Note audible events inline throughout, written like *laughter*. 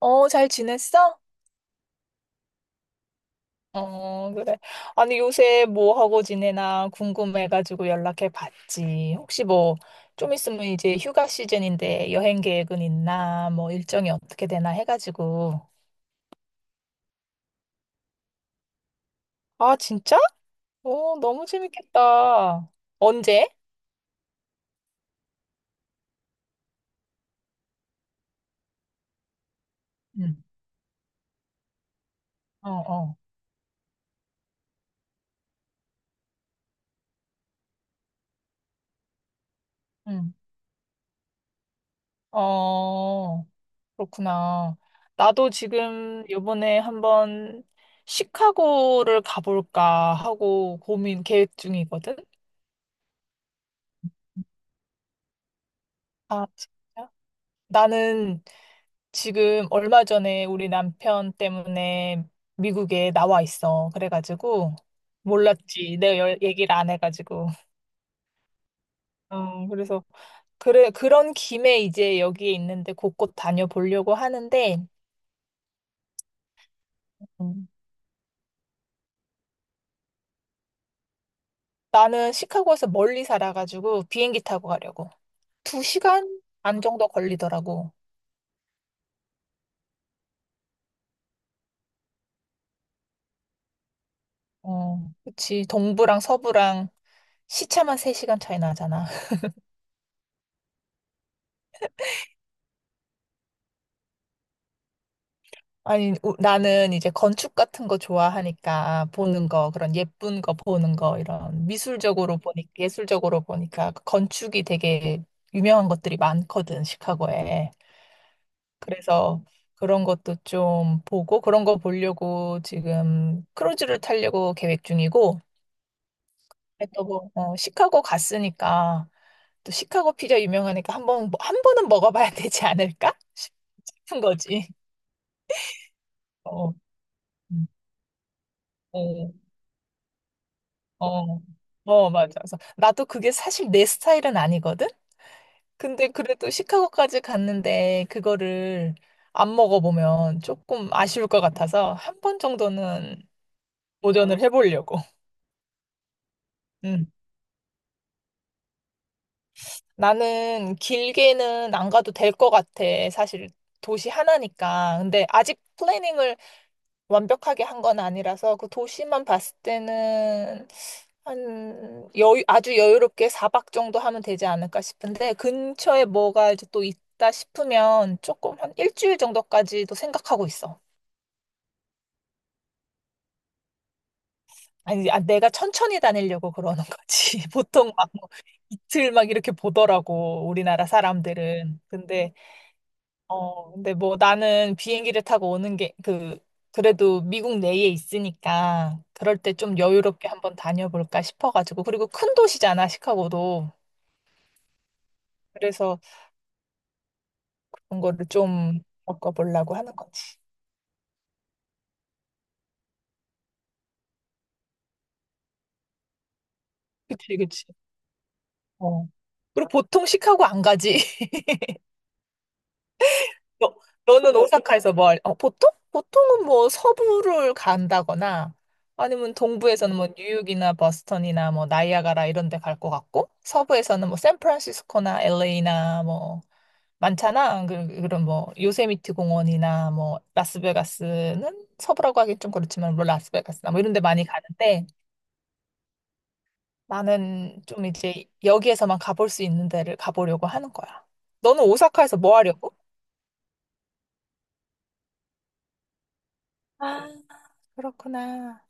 어, 잘 지냈어? 어, 그래. 아니, 요새 뭐 하고 지내나 궁금해가지고 연락해 봤지. 혹시 뭐, 좀 있으면 이제 휴가 시즌인데 여행 계획은 있나, 뭐 일정이 어떻게 되나 해가지고. 아, 진짜? 어, 너무 재밌겠다. 언제? 응. 어, 어. 응. 어, 그렇구나. 나도 지금 요번에 한번 시카고를 가볼까 하고 고민 계획 중이거든. 아, 진짜? 나는 지금 얼마 전에 우리 남편 때문에 미국에 나와 있어. 그래가지고 몰랐지. 내가 얘기를 안 해가지고. 어, 그래서 그래 그런 김에 이제 여기에 있는데 곳곳 다녀보려고 하는데 음, 나는 시카고에서 멀리 살아가지고 비행기 타고 가려고. 두 시간 안 정도 걸리더라고. 어, 그치. 동부랑 서부랑 시차만 세 시간 차이 나잖아. 아니, 나는 이제 건축 같은 거 좋아하니까 보는 거, 그런 예쁜 거 보는 거, 이런 미술적으로 보니, 예술적으로 보니까 그 건축이 되게 유명한 것들이 많거든, 시카고에. 그래서 그런 것도 좀 보고 그런 거 보려고 지금 크루즈를 타려고 계획 중이고, 또 뭐, 어, 시카고 갔으니까 또 시카고 피자 유명하니까 한 번, 한 번은 먹어봐야 *laughs* 되지 않을까 싶은 거지. 어, 음, 어. 어, 어, 맞아. 그래서 나도 그게 사실 내 스타일은 아니거든? 근데 그래도 시카고까지 갔는데 그거를 안 먹어보면 조금 아쉬울 것 같아서 한 번 정도는 도전을 해보려고. 음. 나는 길게는 안 가도 될 것 같아. 사실 도시 하나니까. 근데 아직 플래닝을 완벽하게 한 건 아니라서 그 도시만 봤을 때는 한 여유 아주 여유롭게 4박 정도 하면 되지 않을까 싶은데 근처에 뭐가 이제 또 있다 싶으면 조금 한 1주일 정도까지도 생각하고 있어. 아니, 아, 내가 천천히 다니려고 그러는 거지. *laughs* 보통 막뭐 이틀 막 이렇게 보더라고, 우리나라 사람들은. 근데, 어, 근데 뭐 나는 비행기를 타고 오는 게, 그, 그래도 미국 내에 있으니까 그럴 때 좀 여유롭게 한번 다녀볼까 싶어가지고. 그리고 큰 도시잖아, 시카고도. 그래서 그런 거를 좀 바꿔보려고 하는 거지. 그치, 그치. 어. 그리고 보통 시카고 안 가지. *laughs* 너, 너는 오사카에서 뭘, 어, 보통? 보통은 뭐 서부를 간다거나 아니면 동부에서는 뭐 뉴욕이나 버스턴이나 뭐 나이아가라 이런 데 갈 것 같고 서부에서는 뭐 샌프란시스코나 LA나 뭐 많잖아. 그, 그런 뭐 요세미티 공원이나 뭐 라스베가스는 서부라고 하긴 좀 그렇지만 뭐 라스베가스나 뭐 이런 데 많이 가는데 나는 좀 이제 여기에서만 가볼 수 있는 데를 가보려고 하는 거야. 너는 오사카에서 뭐 하려고? 아, 그렇구나.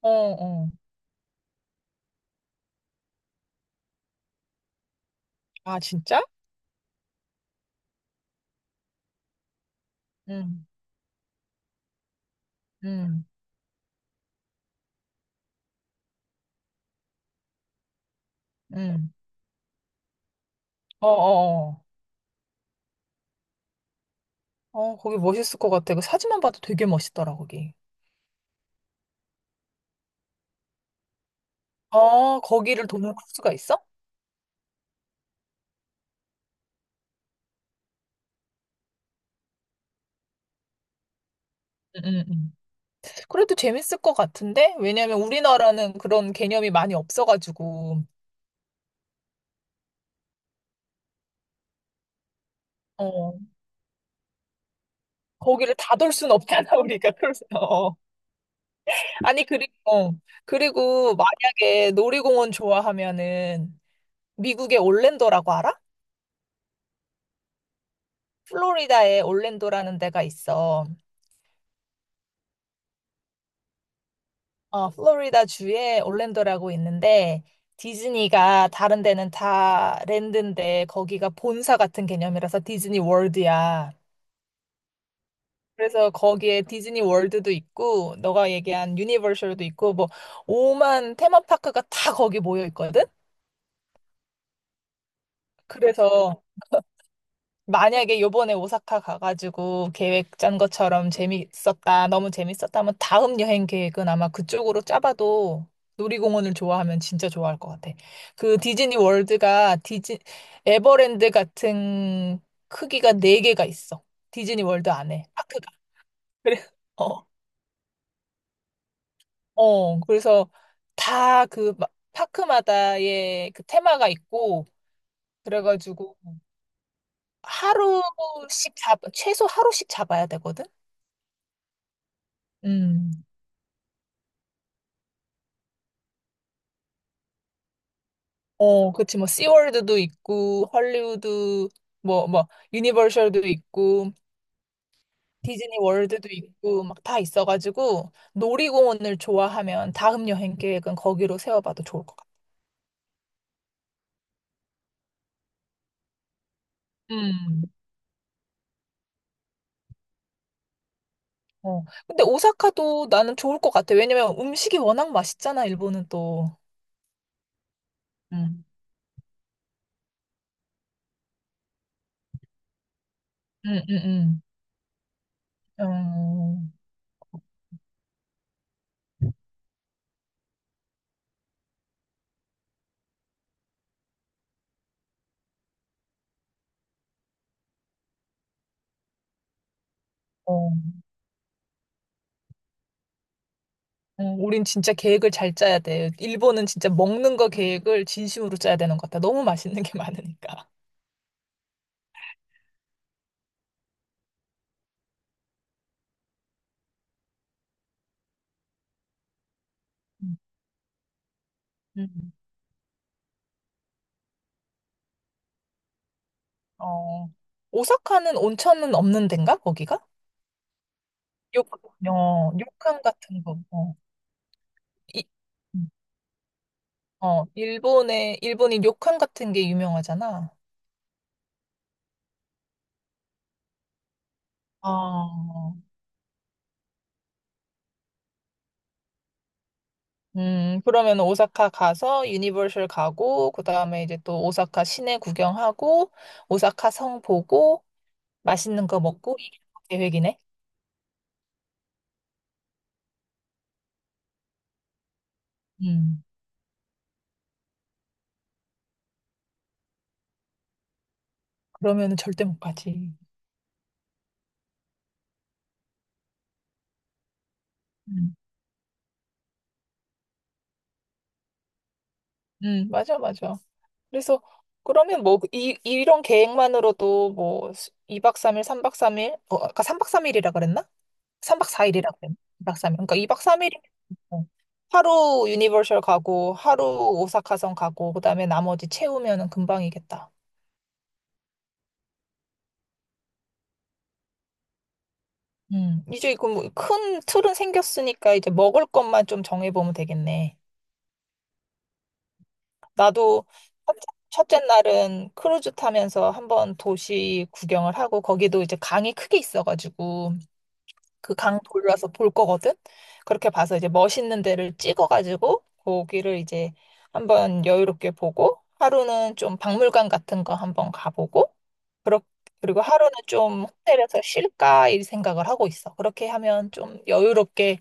어, 어. 아, 진짜? 응, 응, 응. 어, 어, 어. 어, 거기 멋있을 것 같아. 그 사진만 봐도 되게 멋있더라, 거기. 어, 거기를 도는 코스가 있어? 응, 응, 응. 그래도 재밌을 것 같은데? 왜냐면 우리나라는 그런 개념이 많이 없어가지고, 어, 거기를 다 돌 순 없잖아, 우리가. 그래서, 어. 아니, 그리고, 어. 그리고 만약에 놀이공원 좋아하면은 미국의 올랜도라고 알아? 플로리다에 올랜도라는 데가 있어. 어, 플로리다 주에 올랜도라고 있는데 디즈니가 다른 데는 다 랜드인데 거기가 본사 같은 개념이라서 디즈니 월드야. 그래서 거기에 디즈니 월드도 있고 너가 얘기한 유니버셜도 있고 뭐 오만 테마파크가 다 거기 모여 있거든. 그래서 만약에 요번에 오사카 가가지고 계획 짠 것처럼 재밌었다, 너무 재밌었다면 다음 여행 계획은 아마 그쪽으로 짜봐도 놀이공원을 좋아하면 진짜 좋아할 것 같아. 그 디즈니 월드가 디즈 에버랜드 같은 크기가 네개가 있어. 디즈니 월드 안에 파크가. *laughs* 그래. 어. 어. 그래서 다 그 파크마다의 그 테마가 있고 그래가지고 하루씩 잡 최소 하루씩 잡아야 되거든. 음. 어, 그치, 뭐, 씨월드도 있고, 헐리우드, 뭐, 유니버셜도 있고, 디즈니 월드도 있고, 막 다 있어가지고, 놀이공원을 좋아하면 다음 여행 계획은 거기로 세워봐도 좋을 것 같아. 음. 어. 근데 오사카도 나는 좋을 것 같아. 왜냐면 음식이 워낙 맛있잖아, 일본은 또. 음. 음, 음, 음. 어, 어. 어, 우린 진짜 계획을 잘 짜야 돼. 일본은 진짜 먹는 거 계획을 진심으로 짜야 되는 것 같아. 너무 맛있는 게 많으니까. 음. 음. 어, 오사카는 온천은 없는 데인가, 거기가? 요- 어, 료칸 같은 거. 어, 이, 어, 일본이 료칸 같은 게 유명하잖아. 어, 그러면 오사카 가서 유니버셜 가고, 그 다음에 이제 또 오사카 시내 구경하고, 오사카 성 보고, 맛있는 거 먹고, 이게 계획이네? 음, 그러면 절대 못 가지. 음, 맞아, 맞아. 그래서 그러면 뭐 이런 계획만으로도 뭐 2박 3일, 3박 3일, 어, 아까 3박 3일이라 그랬나? 3박 4일이라 그랬나? 이 박 삼일 그러니까 이박삼 일이면 하루 유니버셜 가고 하루 오사카성 가고 그다음에 나머지 채우면은 금방이겠다. 음. 이제 그 뭐 큰 틀은 생겼으니까 이제 먹을 것만 좀 정해보면 되겠네. 나도 첫째 첫째 날은 크루즈 타면서 한번 도시 구경을 하고 거기도 이제 강이 크게 있어가지고 그 강 돌려서 볼 거거든. 그렇게 봐서 이제 멋있는 데를 찍어가지고 거기를 이제 한번 여유롭게 보고 하루는 좀 박물관 같은 거 한번 가보고 그렇 그리고 하루는 좀 호텔에서 쉴까 이 생각을 하고 있어. 그렇게 하면 좀 여유롭게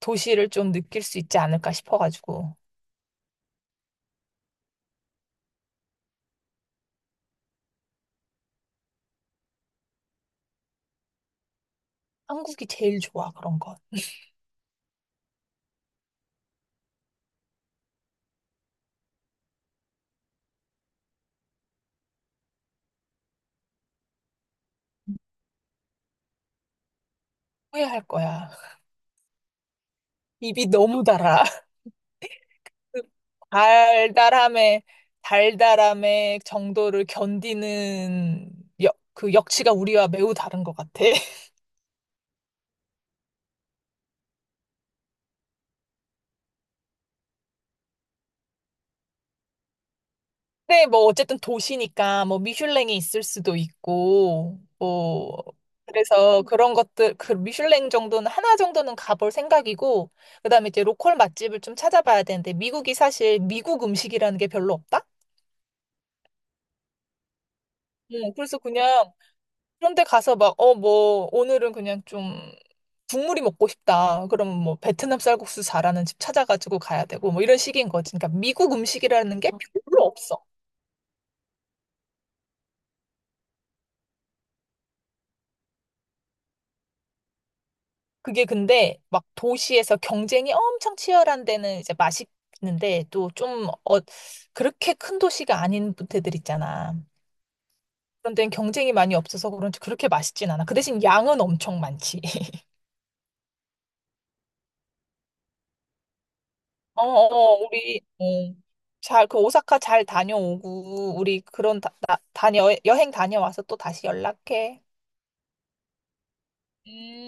도시를 좀 느낄 수 있지 않을까 싶어가지고. 한국이 제일 좋아 그런 건. 후회할 거야. 입이 너무 달아. 그 달달함의 달달함의 정도를 견디는 그 역치가 우리와 매우 다른 것 같아. *laughs* 근데 뭐 어쨌든 도시니까 뭐 미슐랭이 있을 수도 있고 뭐 그래서 그런 것들 그 미슐랭 정도는 하나 정도는 가볼 생각이고 그다음에 이제 로컬 맛집을 좀 찾아봐야 되는데 미국이 사실 미국 음식이라는 게 별로 없다. 응, 그래서 그냥 그런데 가서 막, 어, 뭐, 오늘은 그냥 좀 국물이 먹고 싶다. 그러면 뭐, 베트남 쌀국수 잘하는 집 찾아가지고 가야 되고, 뭐, 이런 식인 거지. 그러니까 미국 음식이라는 게 별로 없어. 그게 근데 막 도시에서 경쟁이 엄청 치열한 데는 이제 맛있는데, 또 좀, 어, 그렇게 큰 도시가 아닌 부대들 있잖아. 그런 데는 경쟁이 많이 없어서 그런지 그렇게 맛있진 않아. 그 대신 양은 엄청 많지. 어, 어, 우리, 어, 잘, 그 오사카 잘 다녀오고, 우리 그런 여행 다녀와서 또 다시 연락해. 음.